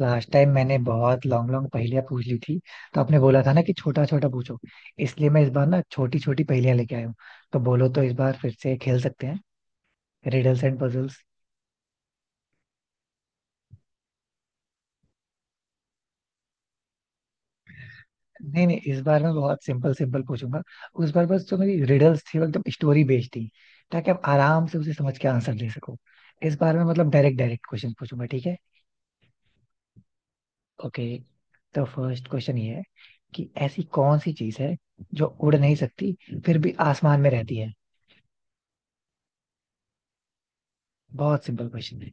Last time मैंने बहुत long long पहेलियां पूछ ली थी। तो आपने बोला था ना कि छोटा छोटा पूछो। इसलिए मैं इस बार ना छोटी छोटी पहेलियां लेके आया हूँ। तो बोलो तो इस बार फिर से खेल सकते हैं रिडल्स एंड पजल्स। नहीं नहीं इस बार मैं बहुत सिंपल सिंपल पूछूंगा। उस बार बस जो मेरी रिडल्स थी वो एकदम स्टोरी बेस्ड थी। ताकि आप आराम से उसे समझ के आंसर दे सको। इस बार मैं मतलब डायरेक्ट डायरेक्ट क्वेश्चन पूछूंगा, ठीक है। ओके। तो फर्स्ट क्वेश्चन ये है कि ऐसी कौन सी चीज है जो उड़ नहीं सकती फिर भी आसमान में रहती है। बहुत सिंपल क्वेश्चन है।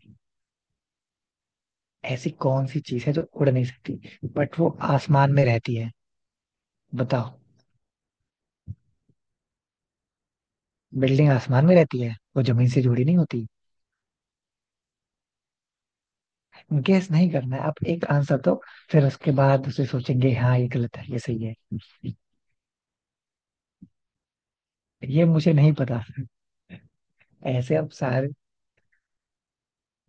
ऐसी कौन सी चीज है जो उड़ नहीं सकती बट वो आसमान में रहती है। बताओ। बिल्डिंग आसमान में रहती है वो जमीन से जुड़ी नहीं होती। गेस नहीं करना है, आप एक आंसर दो। फिर उसके बाद उसे सोचेंगे हाँ ये गलत है ये सही है। ये मुझे नहीं पता। ऐसे अब सारे।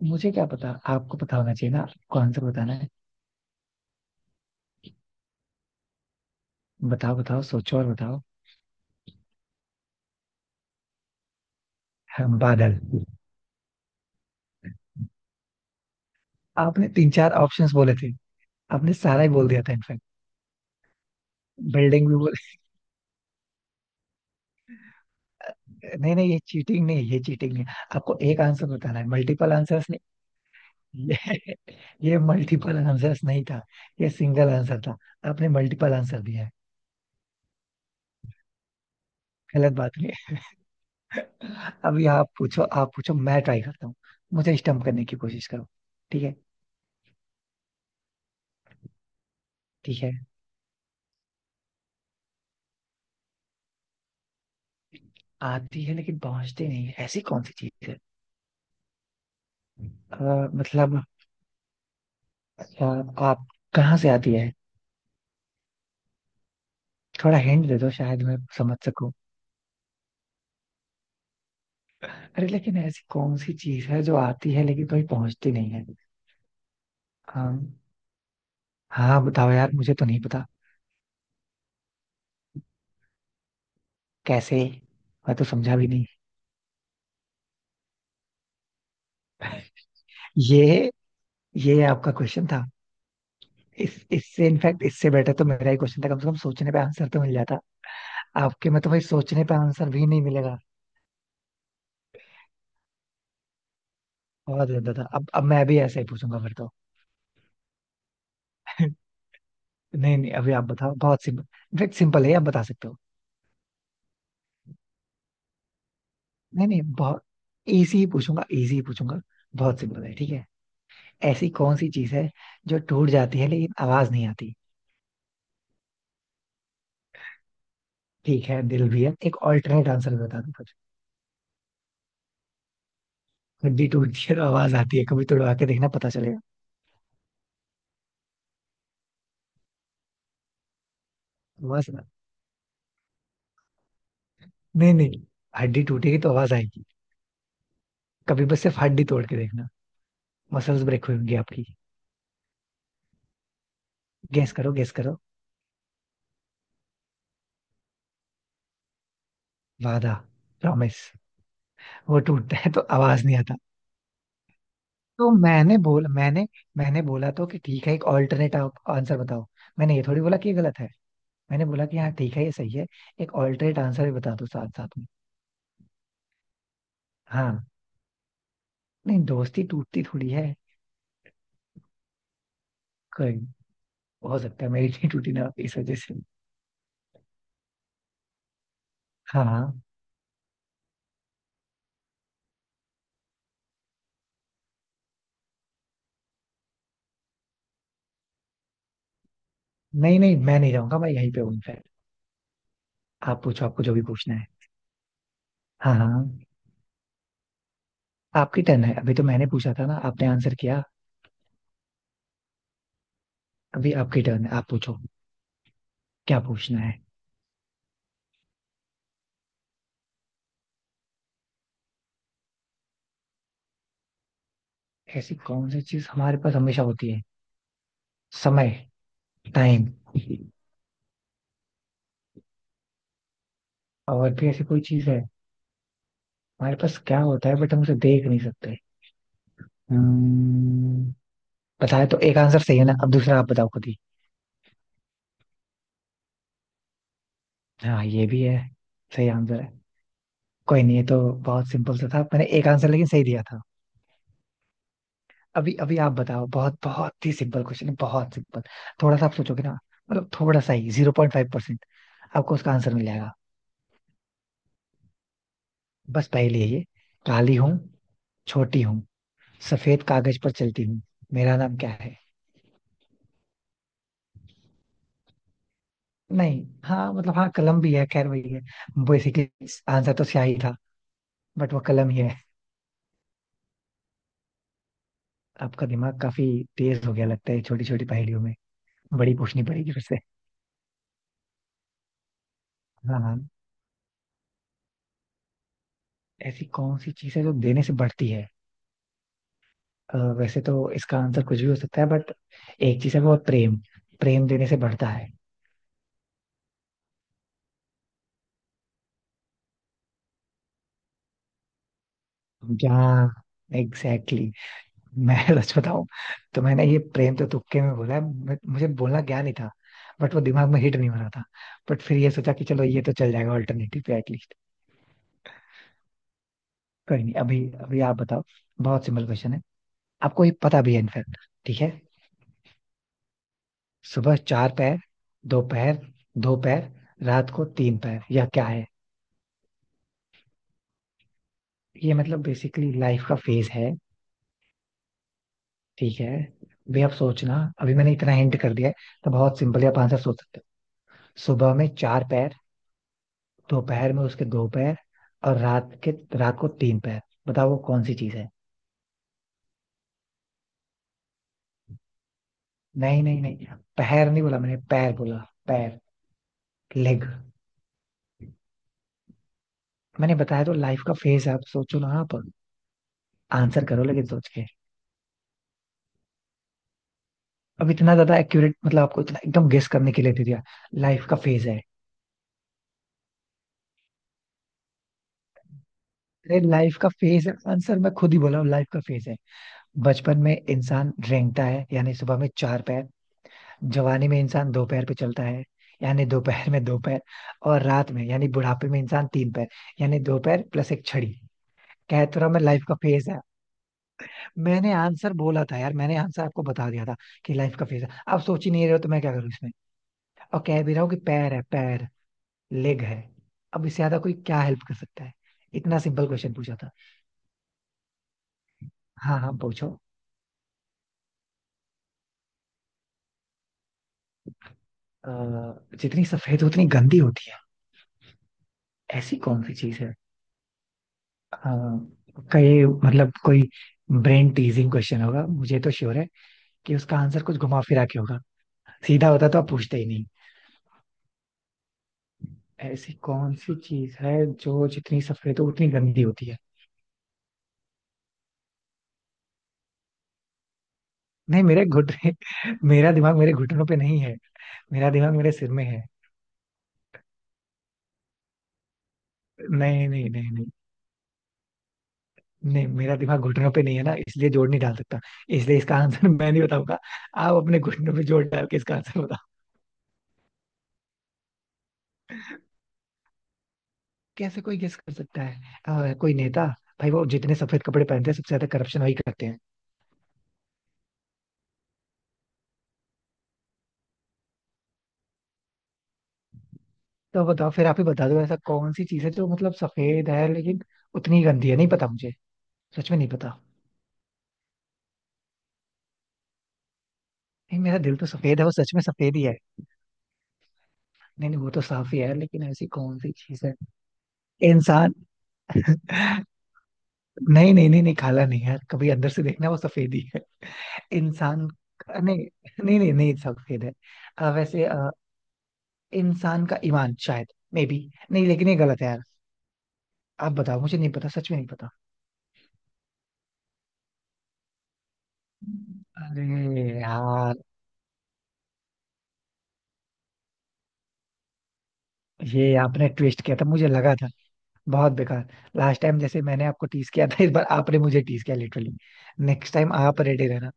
मुझे क्या पता आपको पता होना चाहिए ना, आपको आंसर बताना है। बताओ बताओ सोचो और बताओ। हम बादल। आपने तीन चार ऑप्शंस बोले थे। आपने सारा ही बोल दिया था इनफैक्ट। बिल्डिंग भी बोल। नहीं नहीं ये चीटिंग नहीं है, ये चीटिंग नहीं है। आपको एक आंसर बताना है मल्टीपल आंसर्स ने। ये ये मल्टीपल आंसर्स नहीं था। ये सिंगल आंसर था। आपने मल्टीपल आंसर दिया है। गलत बात नहीं है। अभी आप पूछो। आप पूछो मैं ट्राई करता हूँ। मुझे स्टम्प करने की कोशिश करो। ठीक है। ठीक है आती है लेकिन पहुंचती नहीं है ऐसी कौन सी चीज है। मतलब अ, आप कहाँ से आती है। थोड़ा हिंट दे दो शायद मैं समझ सकूं। अरे लेकिन ऐसी कौन सी चीज है जो आती है लेकिन कहीं पहुंचती नहीं है। हाँ हाँ बताओ यार मुझे तो नहीं पता। कैसे। मैं तो समझा भी नहीं। ये ये आपका क्वेश्चन था। इस इससे इनफैक्ट इससे बेटर तो मेरा ही क्वेश्चन था कम से कम सोचने पे आंसर तो मिल जाता। आपके में तो भाई सोचने पे आंसर भी नहीं मिलेगा। बहुत ज्यादा था। अब मैं भी ऐसा ही पूछूंगा फिर तो। नहीं नहीं अभी आप बताओ बहुत सिंपल। इनफैक्ट सिंपल है आप बता सकते हो। नहीं नहीं बहुत इजी ही पूछूंगा इजी ही पूछूंगा। बहुत सिंपल है ठीक है। ऐसी कौन सी चीज है जो टूट जाती है लेकिन आवाज नहीं आती। ठीक है दिल भी है एक ऑल्टरनेट आंसर बता दो फिर। हड्डी टूटती है तो आवाज आती है कभी तोड़वा के देखना पता चलेगा। बस। नहीं नहीं हड्डी टूटेगी तो आवाज आएगी। कभी बस सिर्फ हड्डी तोड़ के देखना। मसल्स ब्रेक हुई होंगी आपकी। गेस करो गेस करो। वादा। प्रॉमिस। वो टूटता है तो आवाज नहीं आता। तो मैंने बोला तो कि ठीक है एक ऑल्टरनेट आंसर बताओ। मैंने ये थोड़ी बोला कि ये गलत है। मैंने बोला कि हाँ ठीक है ये सही है। एक ऑल्टरनेट आंसर भी बता दो साथ साथ में। हाँ नहीं दोस्ती टूटती थोड़ी है। कोई नहीं, हो सकता है मेरी नहीं टूटी ना इस वजह से। हाँ हाँ। नहीं नहीं मैं नहीं जाऊंगा मैं यहीं पे हूँ इनफैक्ट। आप पूछो आपको जो भी पूछना है। हाँ हाँ। आपकी टर्न है। अभी तो मैंने पूछा था ना आपने आंसर किया। अभी आपकी टर्न है आप पूछो। क्या पूछना है। ऐसी कौन सी चीज हमारे पास हमेशा होती है। समय। टाइम। और भी ऐसी कोई चीज है। हमारे पास क्या होता है बट हम उसे देख नहीं सकते। हम्म, बताया तो एक आंसर सही है ना अब दूसरा आप बताओ खुद ही। हाँ ये भी है सही आंसर है। कोई नहीं ये तो बहुत सिंपल सा था मैंने एक आंसर लेकिन सही दिया था। अभी अभी आप बताओ। बहुत बहुत ही सिंपल क्वेश्चन है बहुत सिंपल। थोड़ा सा आप सोचोगे ना। मतलब थोड़ा सा ही 0.5 आपको उसका आंसर मिल जाएगा। बस पहली है ये। काली हूँ छोटी हूँ सफेद कागज पर चलती हूँ मेरा नाम क्या है। नहीं हाँ मतलब हाँ कलम भी है खैर वही है बेसिकली। आंसर तो स्याही था। बट वो कलम ही है। आपका दिमाग काफी तेज हो गया लगता है छोटी छोटी पहेलियों में। बड़ी पूछनी पड़ेगी फिर से। हाँ हाँ। ऐसी कौन सी चीज है जो देने से बढ़ती है। वैसे तो इसका आंसर कुछ भी हो सकता है बट एक चीज है वो है प्रेम। प्रेम देने से बढ़ता है। जहाँ एग्जैक्टली। मैं सच बताऊं तो मैंने ये प्रेम तो तुक्के में बोला है but मुझे बोलना ज्ञान ही था। बट वो दिमाग में हिट नहीं हो रहा था। बट फिर ये सोचा कि चलो ये तो चल जाएगा ऑल्टरनेटिव पे एटलीस्ट। कोई नहीं अभी अभी आप बताओ। बहुत सिंपल क्वेश्चन है। आपको ये पता भी है इनफैक्ट। ठीक है। सुबह चार पैर दोपहर दो पैर रात को तीन पैर यह क्या है। ये मतलब बेसिकली लाइफ का फेज है। ठीक है भी आप सोचना। अभी मैंने इतना हिंट कर दिया है। तो बहुत सिंपल है आप आंसर सोच सकते हो। सुबह में चार पैर दोपहर में उसके दो पैर और रात के रात को तीन पैर। बताओ वो कौन सी चीज है। नहीं नहीं नहीं पैर नहीं बोला मैंने पैर बोला। पैर लेग। मैंने बताया तो लाइफ का फेज है, आप सोचो ना आप आंसर करो लेकिन सोच के। अब इतना ज्यादा एक्यूरेट मतलब आपको इतना एकदम गेस करने के लिए दे दिया। लाइफ का फेज है। अरे लाइफ का फेज है आंसर मैं खुद ही बोला हूँ लाइफ का फेज है। बचपन में इंसान रेंगता है यानी सुबह में चार पैर। जवानी में इंसान दो पैर पे चलता है। यानी दो पैर में दो पैर। और रात में यानी बुढ़ापे में इंसान तीन पैर। यानी दो पैर प्लस एक छड़ी। कह तो रहा मैं लाइफ का फेज है। मैंने आंसर बोला था यार मैंने आंसर आपको बता दिया था कि लाइफ का फेज है। आप सोच ही नहीं रहे हो तो मैं क्या करूँ इसमें। और कह भी रहा हूँ कि पैर है पैर लेग है। अब इससे ज्यादा कोई क्या हेल्प कर सकता है। इतना सिंपल क्वेश्चन पूछा था। हाँ हाँ पूछो। अ, जितनी सफेद उतनी गंदी होती है। ऐसी कौन सी चीज है। हाँ पक्का ये मतलब कोई ब्रेन टीजिंग क्वेश्चन होगा मुझे तो श्योर है कि उसका आंसर कुछ घुमा फिरा के होगा। सीधा होता तो आप पूछते ही नहीं। ऐसी कौन सी चीज है जो जितनी सफेद हो उतनी गंदी होती है। नहीं मेरे घुटने। मेरा दिमाग मेरे घुटनों पे नहीं है। मेरा दिमाग मेरे सिर में है। नहीं नहीं नहीं नहीं। नहीं मेरा दिमाग घुटनों पे नहीं है ना इसलिए जोड़ नहीं डाल सकता। इसलिए इसका आंसर मैं नहीं बताऊंगा। आप अपने घुटनों पे जोड़ डाल के इसका आंसर। कैसे कोई गेस कर सकता है। कोई नेता। भाई वो जितने सफेद कपड़े पहनते हैं सबसे ज्यादा करप्शन वही करते हैं। तो बताओ फिर आप ही बता दो ऐसा कौन सी चीज है जो मतलब सफेद है लेकिन उतनी ही गंदी है नहीं पता मुझे। सच में नहीं पता। नहीं मेरा दिल तो सफेद है वो सच में सफेद ही है। नहीं नहीं वो तो साफ ही है लेकिन ऐसी कौन सी चीज है। इंसान। नहीं नहीं नहीं नहीं काला नहीं है कभी अंदर से देखना वो सफेद ही है। इंसान। नहीं नहीं नहीं नहीं सफेद है। वैसे इंसान का ईमान शायद मे बी। नहीं लेकिन ये गलत है यार। आप बताओ मुझे नहीं पता सच में नहीं पता। अरे यार ये आपने ट्विस्ट किया था मुझे लगा था। बहुत बेकार। लास्ट टाइम जैसे मैंने आपको टीस किया था इस बार आपने मुझे टीस किया लिटरली। नेक्स्ट टाइम आप रेडी रहना।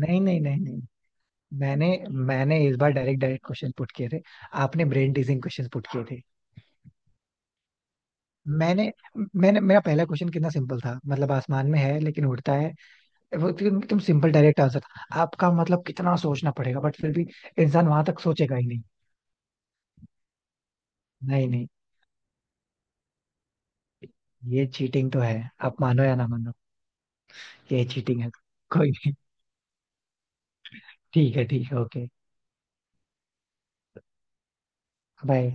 नहीं नहीं नहीं नहीं मैंने मैंने इस बार डायरेक्ट डायरेक्ट क्वेश्चन पुट किए थे। आपने ब्रेन टीजिंग क्वेश्चन पुट किए थे। मैंने मैंने मेरा पहला क्वेश्चन कितना सिंपल था मतलब आसमान में है लेकिन उड़ता है। वो एकदम सिंपल डायरेक्ट आंसर था आपका मतलब कितना सोचना पड़ेगा बट फिर भी। इंसान वहां तक सोचेगा ही नहीं। नहीं नहीं ये चीटिंग तो है आप मानो या ना मानो। ये चीटिंग है। कोई नहीं ठीक है ठीक है ओके बाय।